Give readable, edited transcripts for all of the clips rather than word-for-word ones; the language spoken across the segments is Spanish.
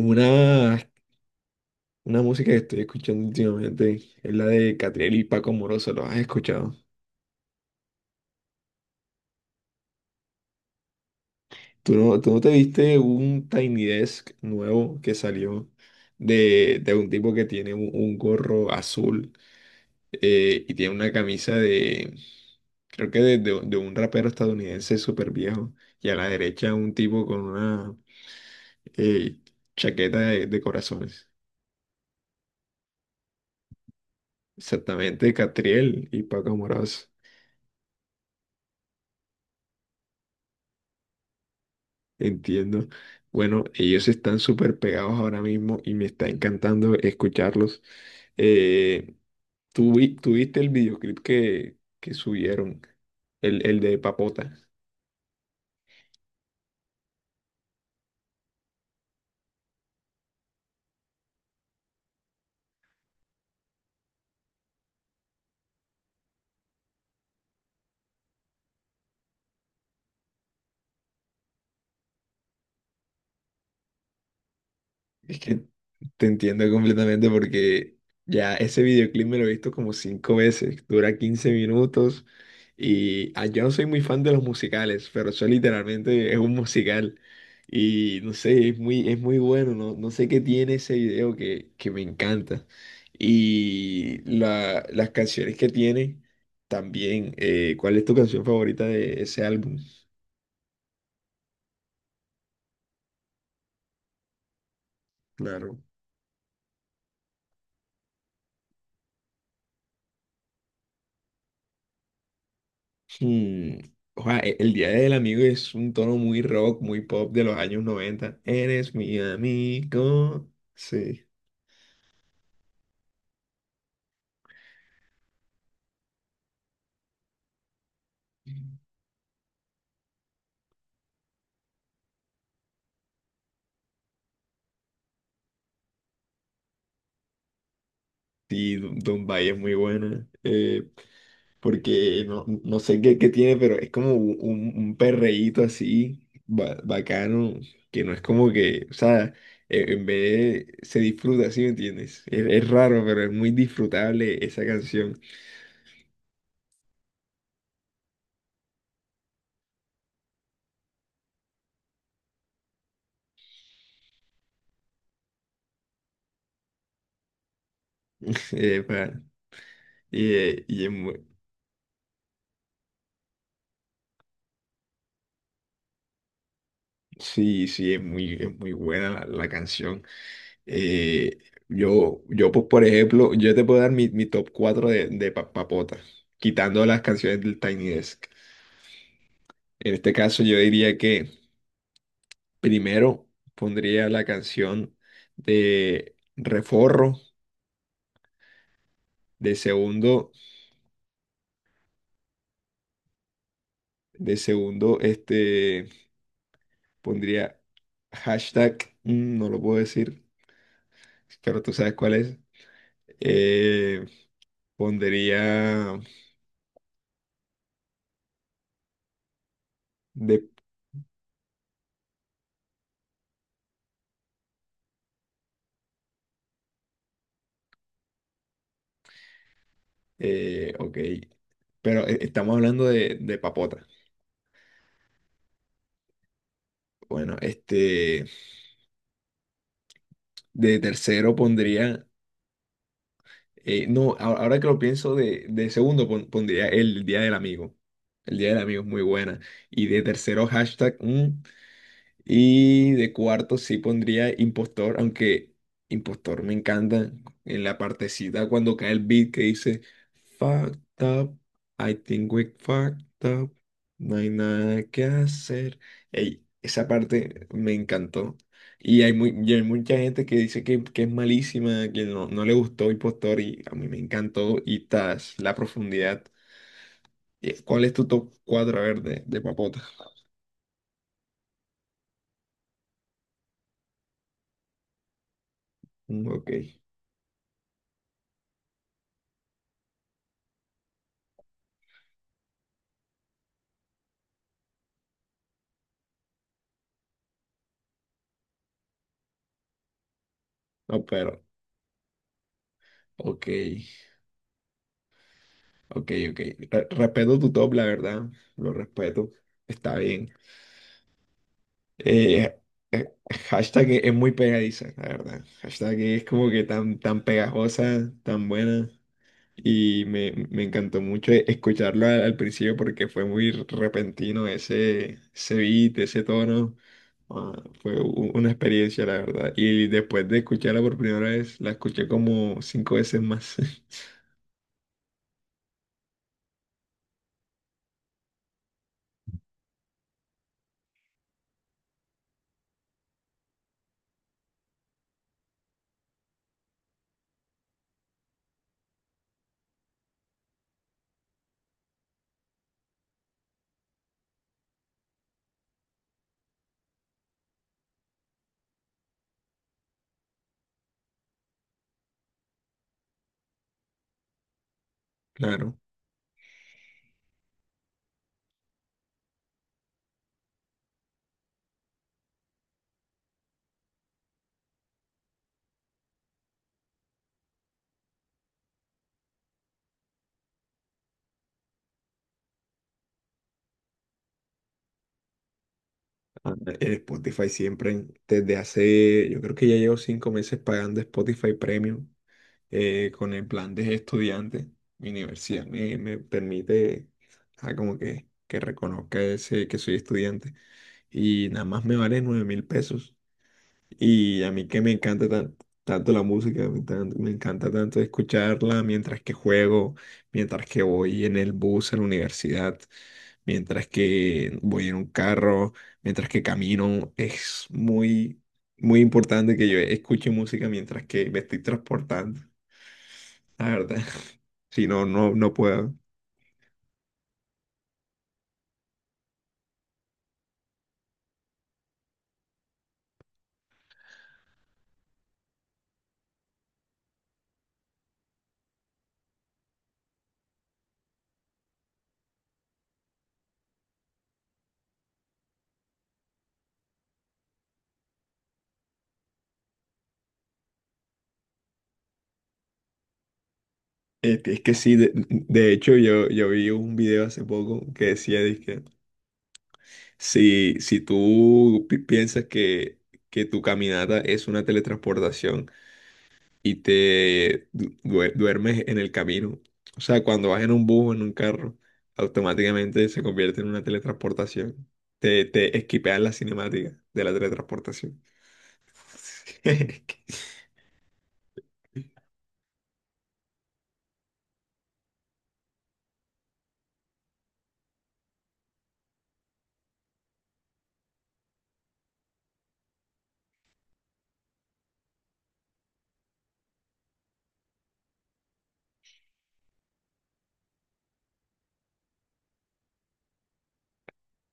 Una, una música que estoy escuchando últimamente es la de Catriel y Paco Moroso, ¿lo has escuchado? ¿Tú no te viste un Tiny Desk nuevo que salió de un tipo que tiene un gorro azul, y tiene una camisa de, creo que de, de un rapero estadounidense súper viejo, y a la derecha un tipo con una eh, chaqueta de corazones? Exactamente, Catriel y Paco Moroso. Entiendo. Bueno, ellos están súper pegados ahora mismo y me está encantando escucharlos. Eh, ¿Tú, tú viste el videoclip que subieron? El de Papota. Es que te entiendo completamente porque ya ese videoclip me lo he visto como cinco veces, dura 15 minutos, y yo no soy muy fan de los musicales, pero eso literalmente es un musical, y no sé, es muy bueno, no sé qué tiene ese video que me encanta, y las canciones que tiene también. ¿Cuál es tu canción favorita de ese álbum? Claro. Mm, ojá, el Día del Amigo es un tono muy rock, muy pop de los años noventa. Eres mi amigo. Sí, sí, don Dumbai es muy buena. Porque no sé qué tiene, pero es como un, un perreíto así, bacano, que no es como que, o sea, se disfruta, ¿sí me entiendes? Es raro, pero es muy disfrutable esa canción. eh, pa- y, eh, y es mu- Sí, sí, es muy buena la canción. Eh, yo, pues, por ejemplo, yo te puedo dar mi top 4 de Papota, quitando las canciones del Tiny Desk. En este caso, yo diría que primero pondría la canción de Reforro, de segundo, de segundo, pondría hashtag, no lo puedo decir, pero tú sabes cuál es. Eh, pondría. De Ok, pero estamos hablando de papota. Bueno, este, de tercero pondría, no, ahora que lo pienso, de segundo pondría el Día del Amigo. El Día del Amigo es muy buena. Y de tercero, hashtag. Y de cuarto sí pondría Impostor, aunque Impostor me encanta en la partecita cuando cae el beat que dice: "Fucked up, I think we fucked up", no hay nada que hacer. Ey, esa parte me encantó. Y hay mucha gente que dice que es malísima, que no le gustó Impostor, y a mí me encantó y tas, la profundidad. ¿Cuál es tu top cuatro? A ver, de papota. Mm. Ok. No, pero, ok. Ok, ok. Respeto tu top, la verdad. Lo respeto. Está bien. Eh, eh, hashtag es muy pegadiza, la verdad. Hashtag, es como que tan pegajosa, tan buena. Y me encantó mucho escucharlo al principio, porque fue muy repentino ese beat, ese tono. Ah, fue una experiencia, la verdad. Y después de escucharla por primera vez, la escuché como cinco veces más. Claro. Ándale. En Spotify siempre. Desde hace, yo creo que ya llevo 5 meses pagando Spotify Premium, con el plan de estudiante. Mi universidad me permite, como que reconozca ese, que soy estudiante, y nada más me vale 9.000 pesos. Y a mí, que me encanta tanto la música, me encanta tanto escucharla mientras que juego, mientras que voy en el bus a la universidad, mientras que voy en un carro, mientras que camino. Es muy, muy importante que yo escuche música mientras que me estoy transportando, la verdad. Si no, no puedo. Es que sí. De hecho, yo vi un video hace poco que decía que, si tú piensas que tu caminata es una teletransportación, y te duermes en el camino, o sea, cuando vas en un bus o en un carro, automáticamente se convierte en una teletransportación. Te esquipean la cinemática de la teletransportación.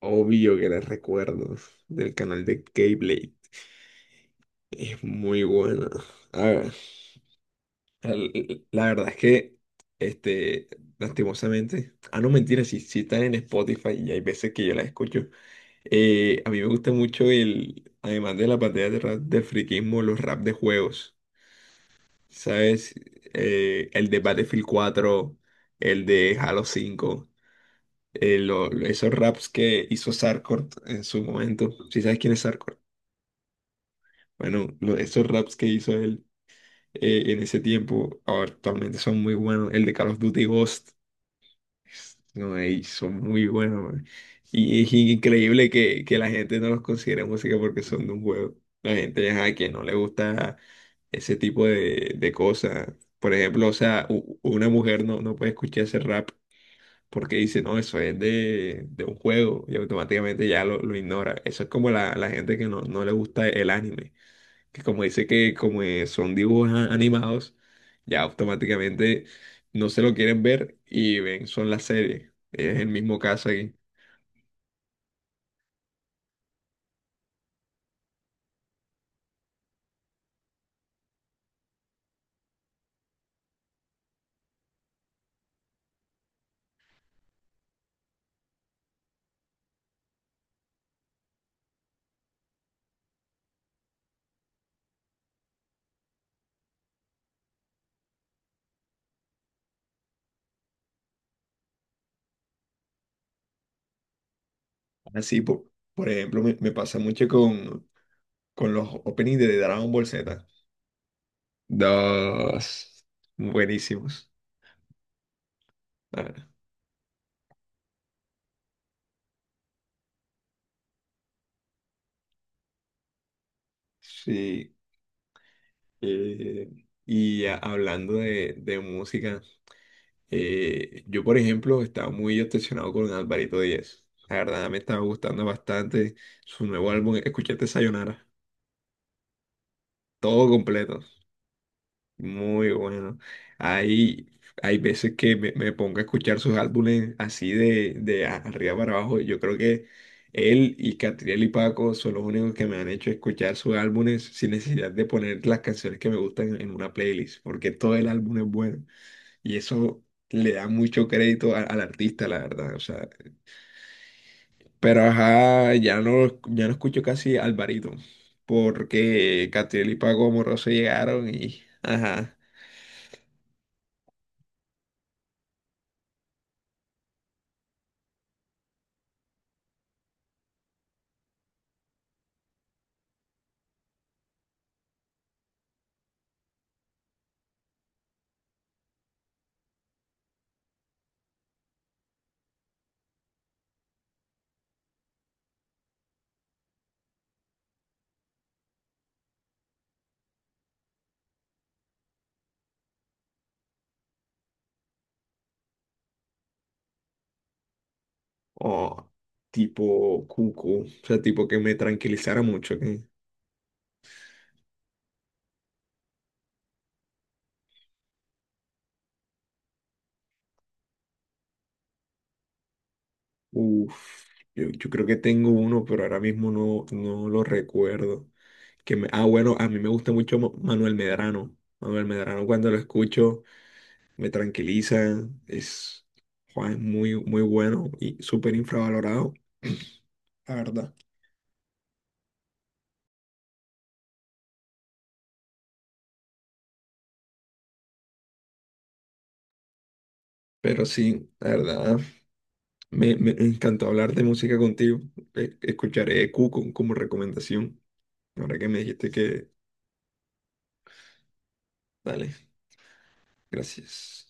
Obvio que los recuerdos del canal de Keyblade es muy bueno. La verdad es que, este, lastimosamente, no mentira, si, si están en Spotify y hay veces que yo las escucho. A mí me gusta mucho el, además de la pantalla de rap del friquismo, los rap de juegos, ¿sabes? El de Battlefield 4, el de Halo 5. Esos raps que hizo Sarkort en su momento. Si ¿sabes quién es Sarkort? Bueno, esos raps que hizo él en ese tiempo, ahora actualmente son muy buenos. El de Call of Duty Ghost. No, ey, son muy buenos, man. Y es increíble que la gente no los considere música porque son de un juego. La gente ajá, que no le gusta ese tipo de cosas. Por ejemplo, o sea, una mujer no puede escuchar ese rap porque dice, no, eso es de un juego, y automáticamente ya lo ignora. Eso es como la gente que no le gusta el anime, que como dice que como son dibujos animados, ya automáticamente no se lo quieren ver, y ven, son las series. Es el mismo caso aquí. Así, por ejemplo, me pasa mucho con los openings de Dragon Ball Z. Dos. Buenísimos. Ah, sí. eh, hablando de música, yo, por ejemplo, estaba muy obsesionado con Alvarito Díaz. La verdad me estaba gustando bastante su nuevo álbum. ¿Escuchaste Sayonara, todo completo? Muy bueno. Hay, hay veces que me pongo a escuchar sus álbumes así de, arriba para abajo. Yo creo que él y Catriel y Paco son los únicos que me han hecho escuchar sus álbumes sin necesidad de poner las canciones que me gustan en una playlist, porque todo el álbum es bueno. Y eso le da mucho crédito al artista, la verdad. O sea, pero ajá, ya no, ya no escucho casi Alvarito. Porque Catriel y Paco Amoroso llegaron y ajá. O tipo Cuco. O sea, tipo que me tranquilizara mucho. Uf, yo creo que tengo uno, pero ahora mismo no lo recuerdo. Bueno, a mí me gusta mucho Manuel Medrano. Manuel Medrano, cuando lo escucho, me tranquiliza. Es jua, es muy, muy bueno y súper infravalorado, la verdad. Pero sí, la verdad, me encantó hablar de música contigo. Escucharé Cuco como recomendación. Ahora que me dijiste que, dale, gracias.